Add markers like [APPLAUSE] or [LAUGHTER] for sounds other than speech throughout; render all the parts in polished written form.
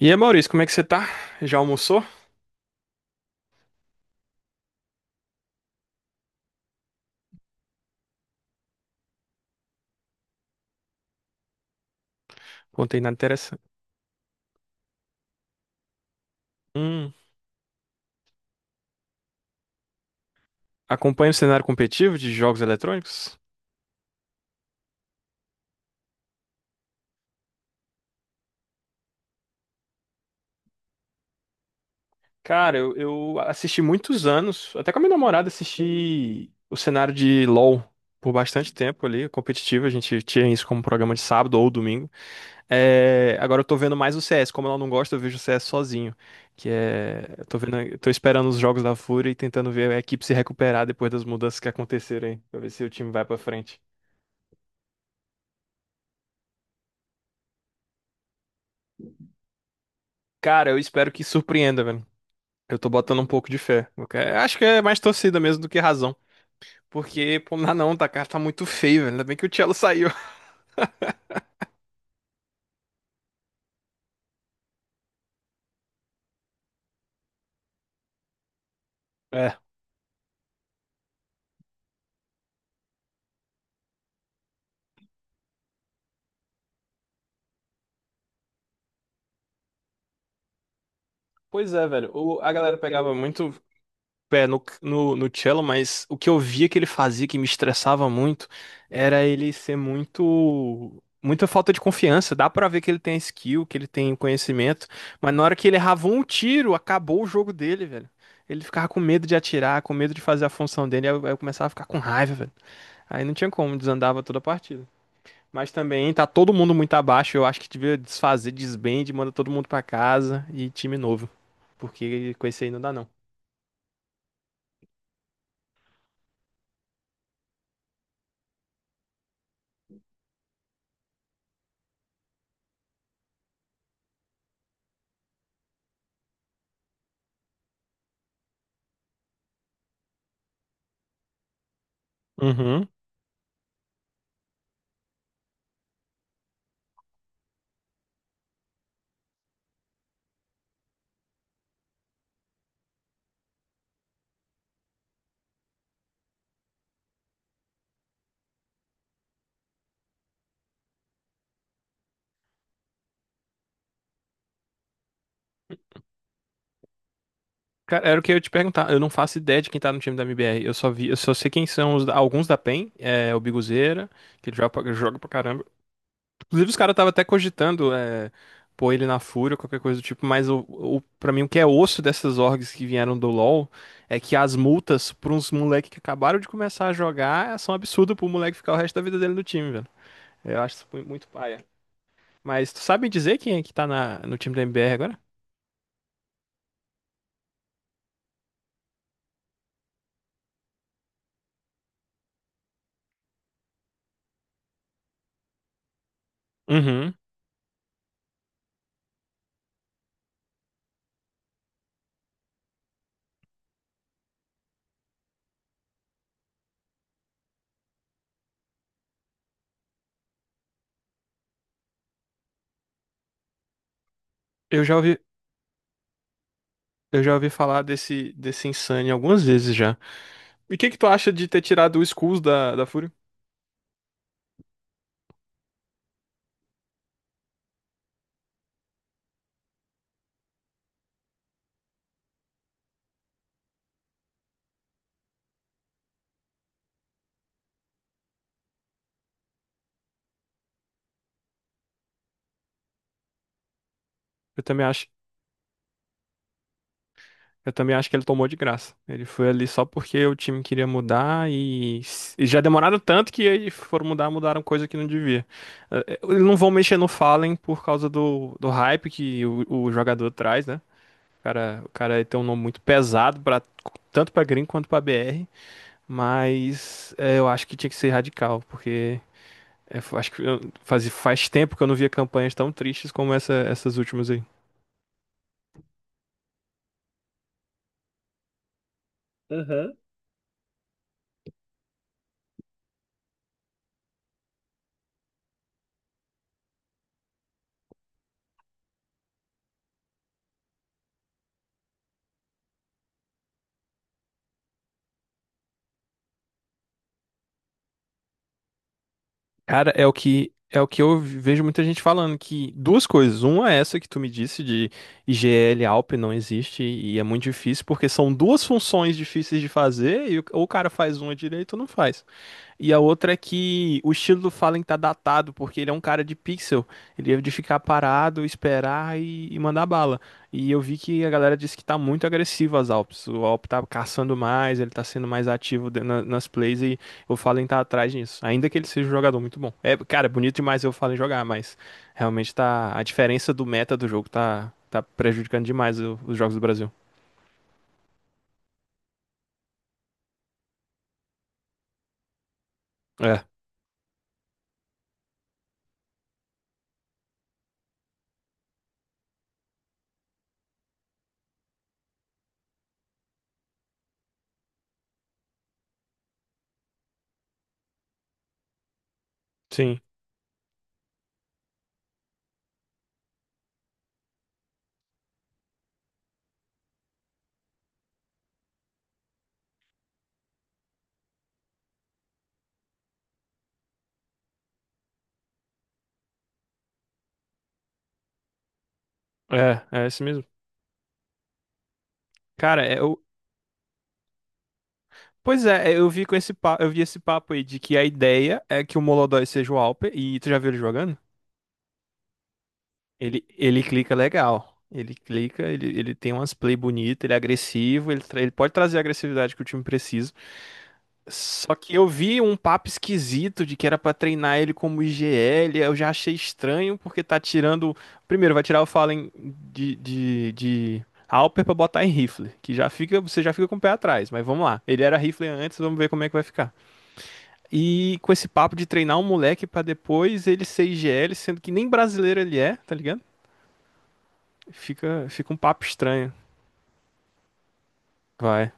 E aí, Maurício, como é que você tá? Já almoçou? Contei nada interessante. Hum, acompanha o cenário competitivo de jogos eletrônicos? Cara, eu assisti muitos anos, até com a minha namorada assisti o cenário de LoL por bastante tempo ali, competitivo, a gente tinha isso como programa de sábado ou domingo. É, agora eu tô vendo mais o CS, como ela não gosta, eu vejo o CS sozinho, que é, eu tô vendo, eu tô esperando os jogos da Fúria e tentando ver a equipe se recuperar depois das mudanças que aconteceram aí, pra ver se o time vai pra frente. Cara, eu espero que surpreenda, velho. Eu tô botando um pouco de fé. Acho que é mais torcida mesmo do que razão. Porque, pô, não, dá não, tá, cara, tá muito feio, velho. Ainda bem que o Cello [LAUGHS] saiu. É. Pois é, velho. A galera pegava muito pé no Cello, mas o que eu via que ele fazia, que me estressava muito, era ele ser muito. Muita falta de confiança. Dá pra ver que ele tem skill, que ele tem conhecimento, mas na hora que ele errava um tiro, acabou o jogo dele, velho. Ele ficava com medo de atirar, com medo de fazer a função dele, aí eu começava a ficar com raiva, velho. Aí não tinha como, desandava toda a partida. Mas também tá todo mundo muito abaixo, eu acho que devia desfazer, desbande, manda todo mundo pra casa e time novo. Porque com esse aí não dá não. Uhum. Cara, era o que eu ia te perguntar. Eu não faço ideia de quem tá no time da MBR. Eu só vi, eu só sei quem são alguns da PEN, é, o Biguzeira, que ele joga pra caramba. Inclusive, os caras estavam até cogitando é, pôr ele na Fúria, qualquer coisa do tipo, mas pra mim o que é osso dessas orgs que vieram do LoL é que as multas pra uns moleques que acabaram de começar a jogar são absurdas pro moleque ficar o resto da vida dele no time, velho. Eu acho isso muito paia. Mas tu sabe me dizer quem é que tá no time da MBR agora? Uhum. Eu já ouvi, eu já ouvi falar desse Insane algumas vezes já. E o que que tu acha de ter tirado o Skulls da Fúria? Eu também acho, eu também acho que ele tomou de graça. Ele foi ali só porque o time queria mudar e já demoraram tanto que aí foram mudar, mudaram coisa que não devia. Eles não vão mexer no Fallen por causa do hype que o jogador traz, né? O cara tem um nome muito pesado para tanto pra Green quanto pra BR, mas eu acho que tinha que ser radical, porque acho que faz tempo que eu não via campanhas tão tristes como essas últimas aí. Cara, é o que eu vejo muita gente falando que duas coisas. Uma é essa que tu me disse de IGL Alp não existe e é muito difícil porque são duas funções difíceis de fazer e ou o cara faz uma direito ou não faz. E a outra é que o estilo do Fallen tá datado, porque ele é um cara de pixel. Ele é de ficar parado, esperar e mandar bala. E eu vi que a galera disse que tá muito agressivo as Alps. O Alp tá caçando mais, ele tá sendo mais ativo nas plays e o Fallen tá atrás disso. Ainda que ele seja um jogador muito bom. É, cara, é bonito demais ver o Fallen jogar, mas realmente tá. A diferença do meta do jogo tá prejudicando demais os jogos do Brasil. É, sim. É, é esse mesmo. Cara, é, pois é, é, eu vi com esse eu vi esse papo aí de que a ideia é que o Molodói seja o Alper e tu já viu ele jogando? Ele clica legal. Ele clica, ele tem umas play bonitas, ele é agressivo, ele, ele pode trazer a agressividade que o time precisa. Só que eu vi um papo esquisito de que era pra treinar ele como IGL, eu já achei estranho porque tá tirando. Primeiro, vai tirar o Fallen de Alper pra botar em rifle, que já fica, você já fica com o pé atrás, mas vamos lá. Ele era rifle antes, vamos ver como é que vai ficar. E com esse papo de treinar um moleque pra depois ele ser IGL, sendo que nem brasileiro ele é, tá ligado? Fica, fica um papo estranho. Vai.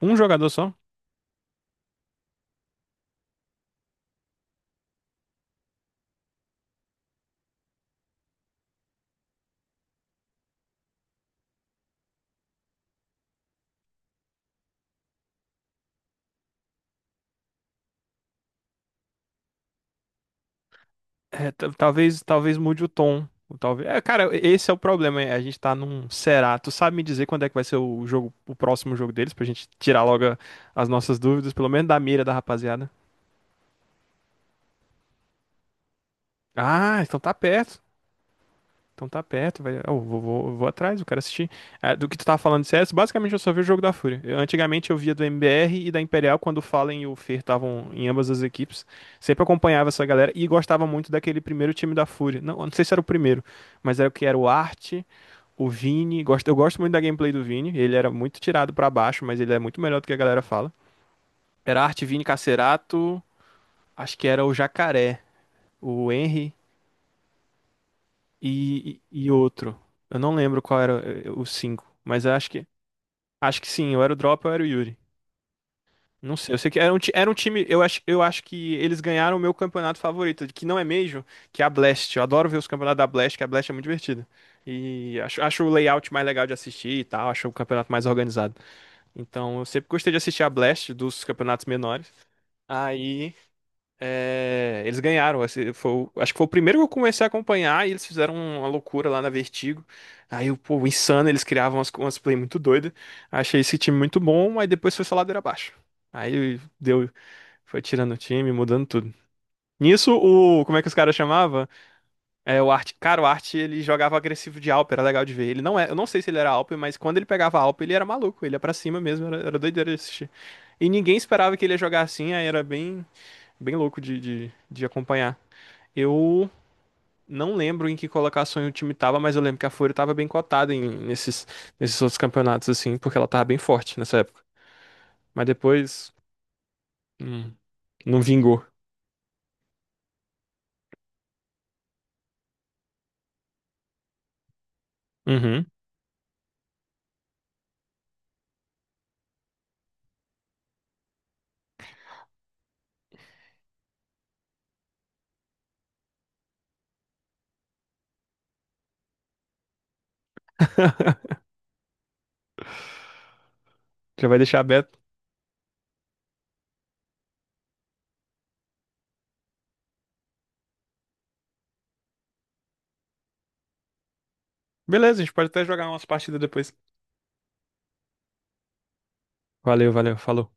Um jogador só? É, talvez, talvez mude o tom. Ou talvez. É, cara, esse é o problema. É, a gente tá num será. Tu sabe me dizer quando é que vai ser o jogo, o próximo jogo deles, pra gente tirar logo as nossas dúvidas, pelo menos da mira da rapaziada. Ah, então tá perto. Então tá perto, vai. Eu vou, vou atrás, eu quero assistir. Ah, do que tu tava falando de CS, basicamente eu só vi o jogo da Fúria. Antigamente eu via do MBR e da Imperial, quando o Fallen e o Fer estavam em ambas as equipes. Sempre acompanhava essa galera e gostava muito daquele primeiro time da Fúria. Não, eu não sei se era o primeiro, mas era o que era o Art, o Vini. Gosto, eu gosto muito da gameplay do Vini. Ele era muito tirado pra baixo, mas ele é muito melhor do que a galera fala. Era Art, Vini, Cacerato, acho que era o Jacaré, o Henry e outro. Eu não lembro qual era os cinco, mas eu acho que sim, eu era o Drop, eu era o Yuri. Não sei, eu sei que era um, era um time, eu acho que eles ganharam o meu campeonato favorito, que não é Major, que é a Blast. Eu adoro ver os campeonatos da Blast, que a Blast é muito divertida. E acho, acho o layout mais legal de assistir e tal, acho o campeonato mais organizado. Então, eu sempre gostei de assistir a Blast dos campeonatos menores. Aí é, eles ganharam. Esse foi acho que foi o primeiro que eu comecei a acompanhar e eles fizeram uma loucura lá na Vertigo. Aí, o pô, insano, eles criavam umas, umas play muito doidas. Achei esse time muito bom, mas depois foi só ladeira abaixo. Aí deu, foi tirando o time, mudando tudo. Nisso, o, como é que os caras chamava? É, o Art, cara, o Art, ele jogava agressivo de Alp, era legal de ver. Ele não é, eu não sei se ele era Alp, mas quando ele pegava Alp, ele era maluco, ele ia pra cima mesmo, era doideira de assistir. E ninguém esperava que ele ia jogar assim, aí era bem, bem louco de de acompanhar. Eu não lembro em que colocação o time tava, mas eu lembro que a Fúria tava bem cotada nesses, nesses outros campeonatos, assim, porque ela tava bem forte nessa época. Mas depois, hum, não vingou. Uhum. [LAUGHS] Já vai deixar aberto. Beleza, a gente pode até jogar umas partidas depois. Valeu, valeu, falou.